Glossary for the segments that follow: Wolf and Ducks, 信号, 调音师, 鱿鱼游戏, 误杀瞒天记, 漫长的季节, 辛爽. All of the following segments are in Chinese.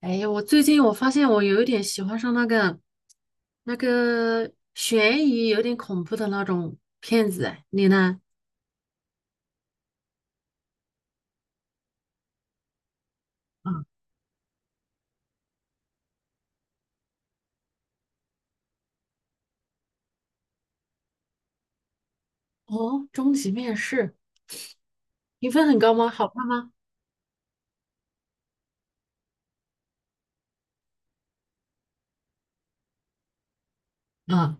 哎呀，我最近发现我有一点喜欢上那个悬疑、有点恐怖的那种片子，哎你呢？啊，哦，终极面试评分很高吗？好看吗？啊，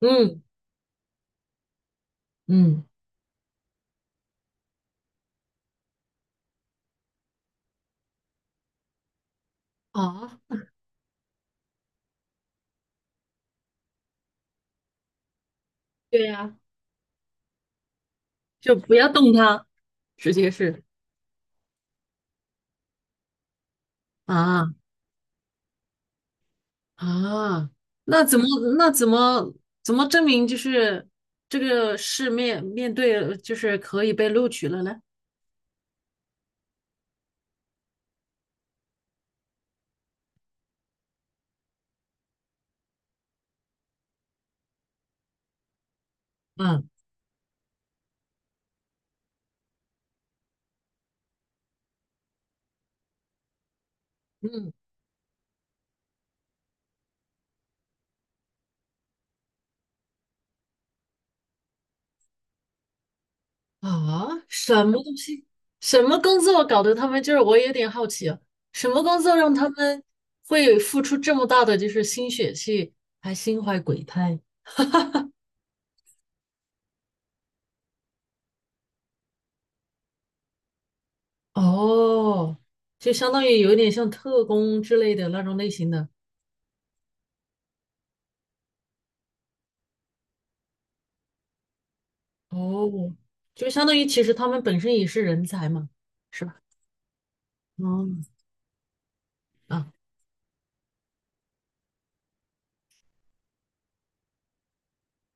嗯嗯，啊，对呀，就不要动它直接是啊啊！那怎么那怎么怎么证明就是这个是面对就是可以被录取了呢？嗯嗯，啊，什么东西？什么工作搞得他们就是我有点好奇啊，什么工作让他们会付出这么大的就是心血去，还心怀鬼胎？哦，就相当于有一点像特工之类的那种类型的。哦，就相当于其实他们本身也是人才嘛，是吧？嗯啊，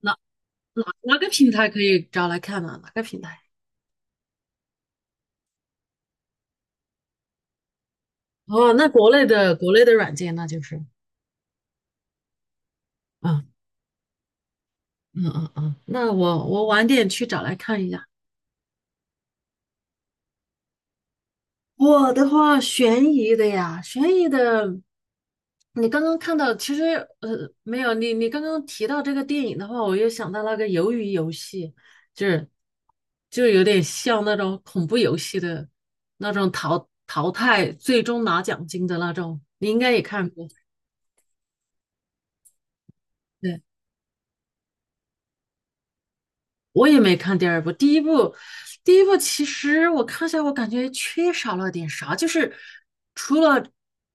哪哪哪个平台可以找来看呢、哪个平台？哦，那国内的软件那就是。啊。嗯嗯嗯，那我晚点去找来看一下。我的话，悬疑的呀，悬疑的，你刚刚看到，其实没有，你刚刚提到这个电影的话，我又想到那个《鱿鱼游戏》，就是就有点像那种恐怖游戏的那种淘汰，最终拿奖金的那种，你应该也看过。对我也没看第二部，第一部，第一部其实我看下，我感觉缺少了点啥，就是除了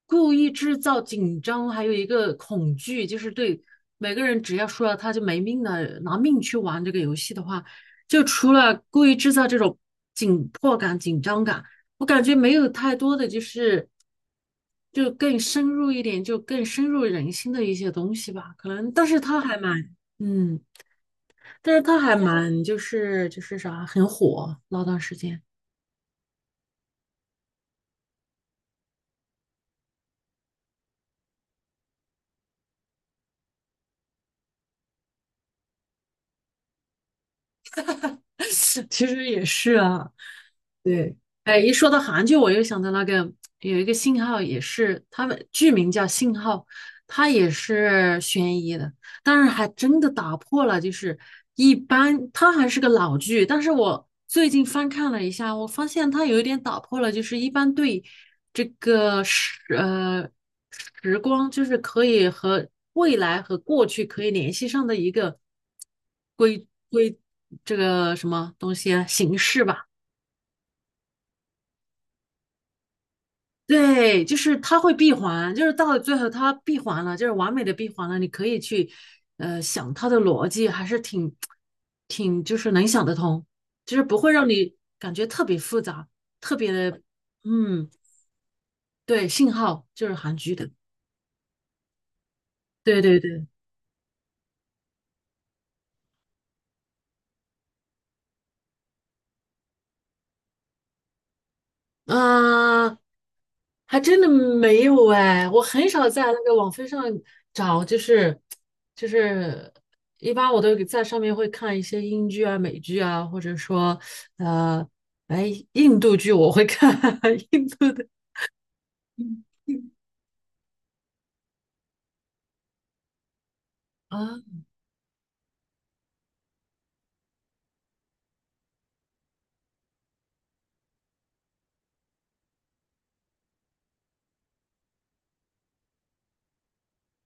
故意制造紧张，还有一个恐惧，就是对每个人只要输了他就没命了，拿命去玩这个游戏的话，就除了故意制造这种紧迫感、紧张感，我感觉没有太多的就更深入一点，就更深入人心的一些东西吧，可能，但是他还蛮，嗯。但是他还蛮就是很火，那段时间 其实也是啊，对，哎，一说到韩剧，我又想到那个有一个信号，也是他们剧名叫《信号》，它也是悬疑的，但是还真的打破了，就是一般它还是个老剧，但是我最近翻看了一下，我发现它有一点打破了，就是一般对这个时呃时光，就是可以和未来和过去可以联系上的一个规规这个什么东西啊形式吧。对，就是它会闭环，就是到了最后它闭环了，就是完美的闭环了。你可以去，想它的逻辑，还是挺，挺就是能想得通，就是不会让你感觉特别复杂，特别的，嗯，对，信号就是韩剧的，对对对。啊，还真的没有哎，我很少在那个网飞上找，就是一般我都在上面会看一些英剧啊、美剧啊，或者说呃，哎，印度剧我会看 印度的啊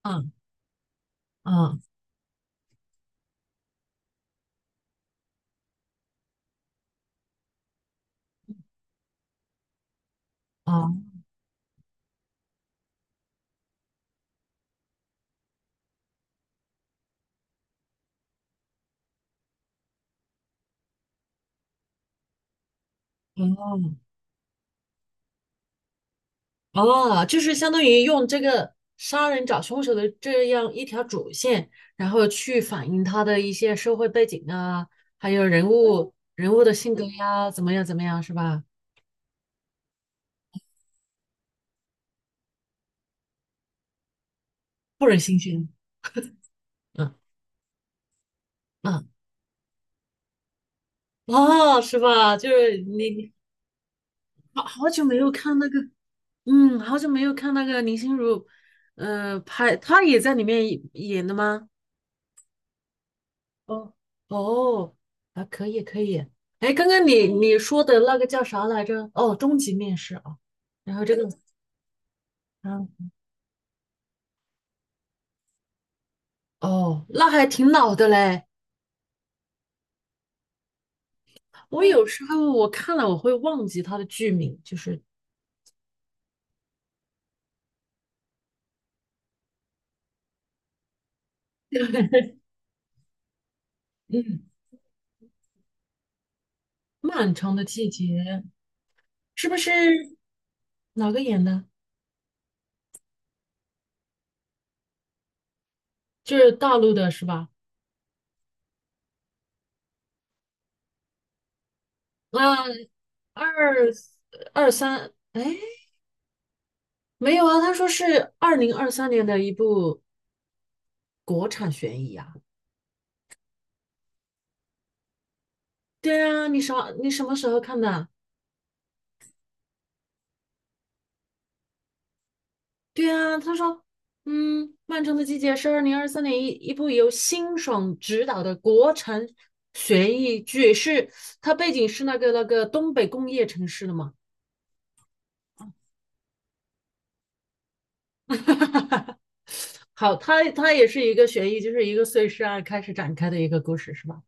啊啊啊哦哦，就是相当于用这个杀人找凶手的这样一条主线，然后去反映他的一些社会背景啊，还有人物的性格呀，怎么样怎么样，是吧？不忍心虚，嗯嗯，哦，是吧？就是你好久没有看那个，嗯，好久没有看那个林心如，呃，拍她也在里面演的吗？哦哦，啊，可以可以。哎，刚刚你说的那个叫啥来着？哦，终极面试啊。然后这个，嗯，哦，那还挺老的嘞。我有时候我看了我会忘记它的剧名，就是嗯，《漫长的季节》是不是哪个演的？就是大陆的是吧？嗯，二二三，哎，没有啊，他说是二零二三年的一部国产悬疑啊。对啊，你啥？你什么时候看的？对啊，他说，嗯，漫长的季节是二零二三年一部由辛爽执导的国产悬疑剧，是它背景是那个东北工业城市的嘛？好，它也是一个悬疑，就是一个碎尸案开始展开的一个故事，是吧？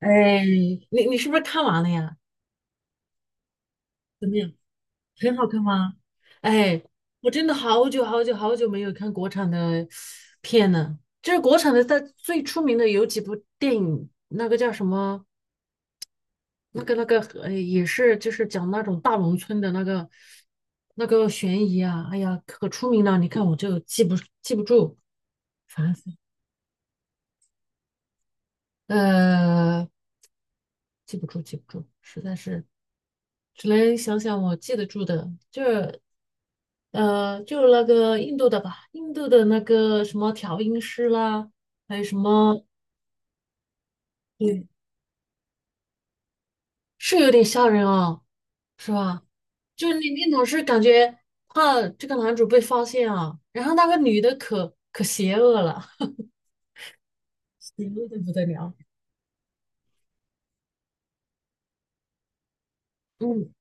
哎，你你是不是看完了呀？怎么样？很好看吗？哎，我真的好久好久好久没有看国产的片了。就是国产的，在最出名的有几部电影，那个叫什么？那个那个也是，就是讲那种大农村的那个悬疑啊，哎呀，可出名了。你看我就记不住，烦死了呃，记不住，记不住，实在是只能想想我记得住的，就是就是那个印度的吧，印度的那个什么调音师啦，还有什么，对，是有点吓人啊，是吧？就是你总是感觉怕这个男主被发现啊，然后那个女的可邪恶了。累的不得了。嗯，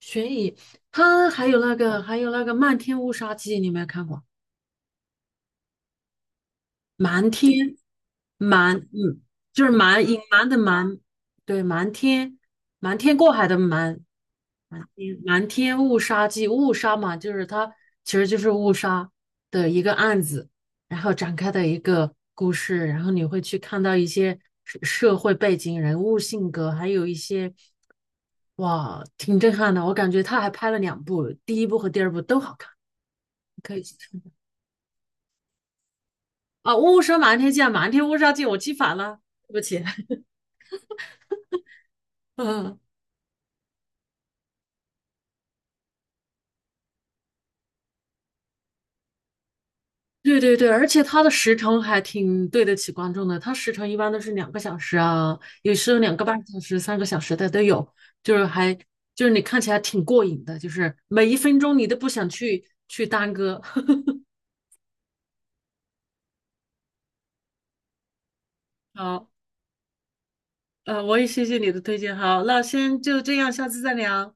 悬疑，它还有那个《漫天乌纱记》，你有没有看过？瞒天，瞒，嗯，就是瞒，隐瞒的瞒，对，瞒天，瞒天过海的瞒，瞒天，瞒天误杀记，误杀嘛，就是它其实就是误杀的一个案子，然后展开的一个故事，然后你会去看到一些社会背景、人物性格，还有一些，哇，挺震撼的，我感觉他还拍了两部，第一部和第二部都好看，可以去看啊，《误杀瞒天记》啊，《瞒天误杀记》，我记反了。对不起，嗯，对对对，而且它的时长还挺对得起观众的，它时长一般都是2个小时啊，有时候2个半小时、3个小时的都有，就是还就是你看起来挺过瘾的，就是每一分钟你都不想去耽搁。好，呃，我也谢谢你的推荐，好，那先就这样，下次再聊。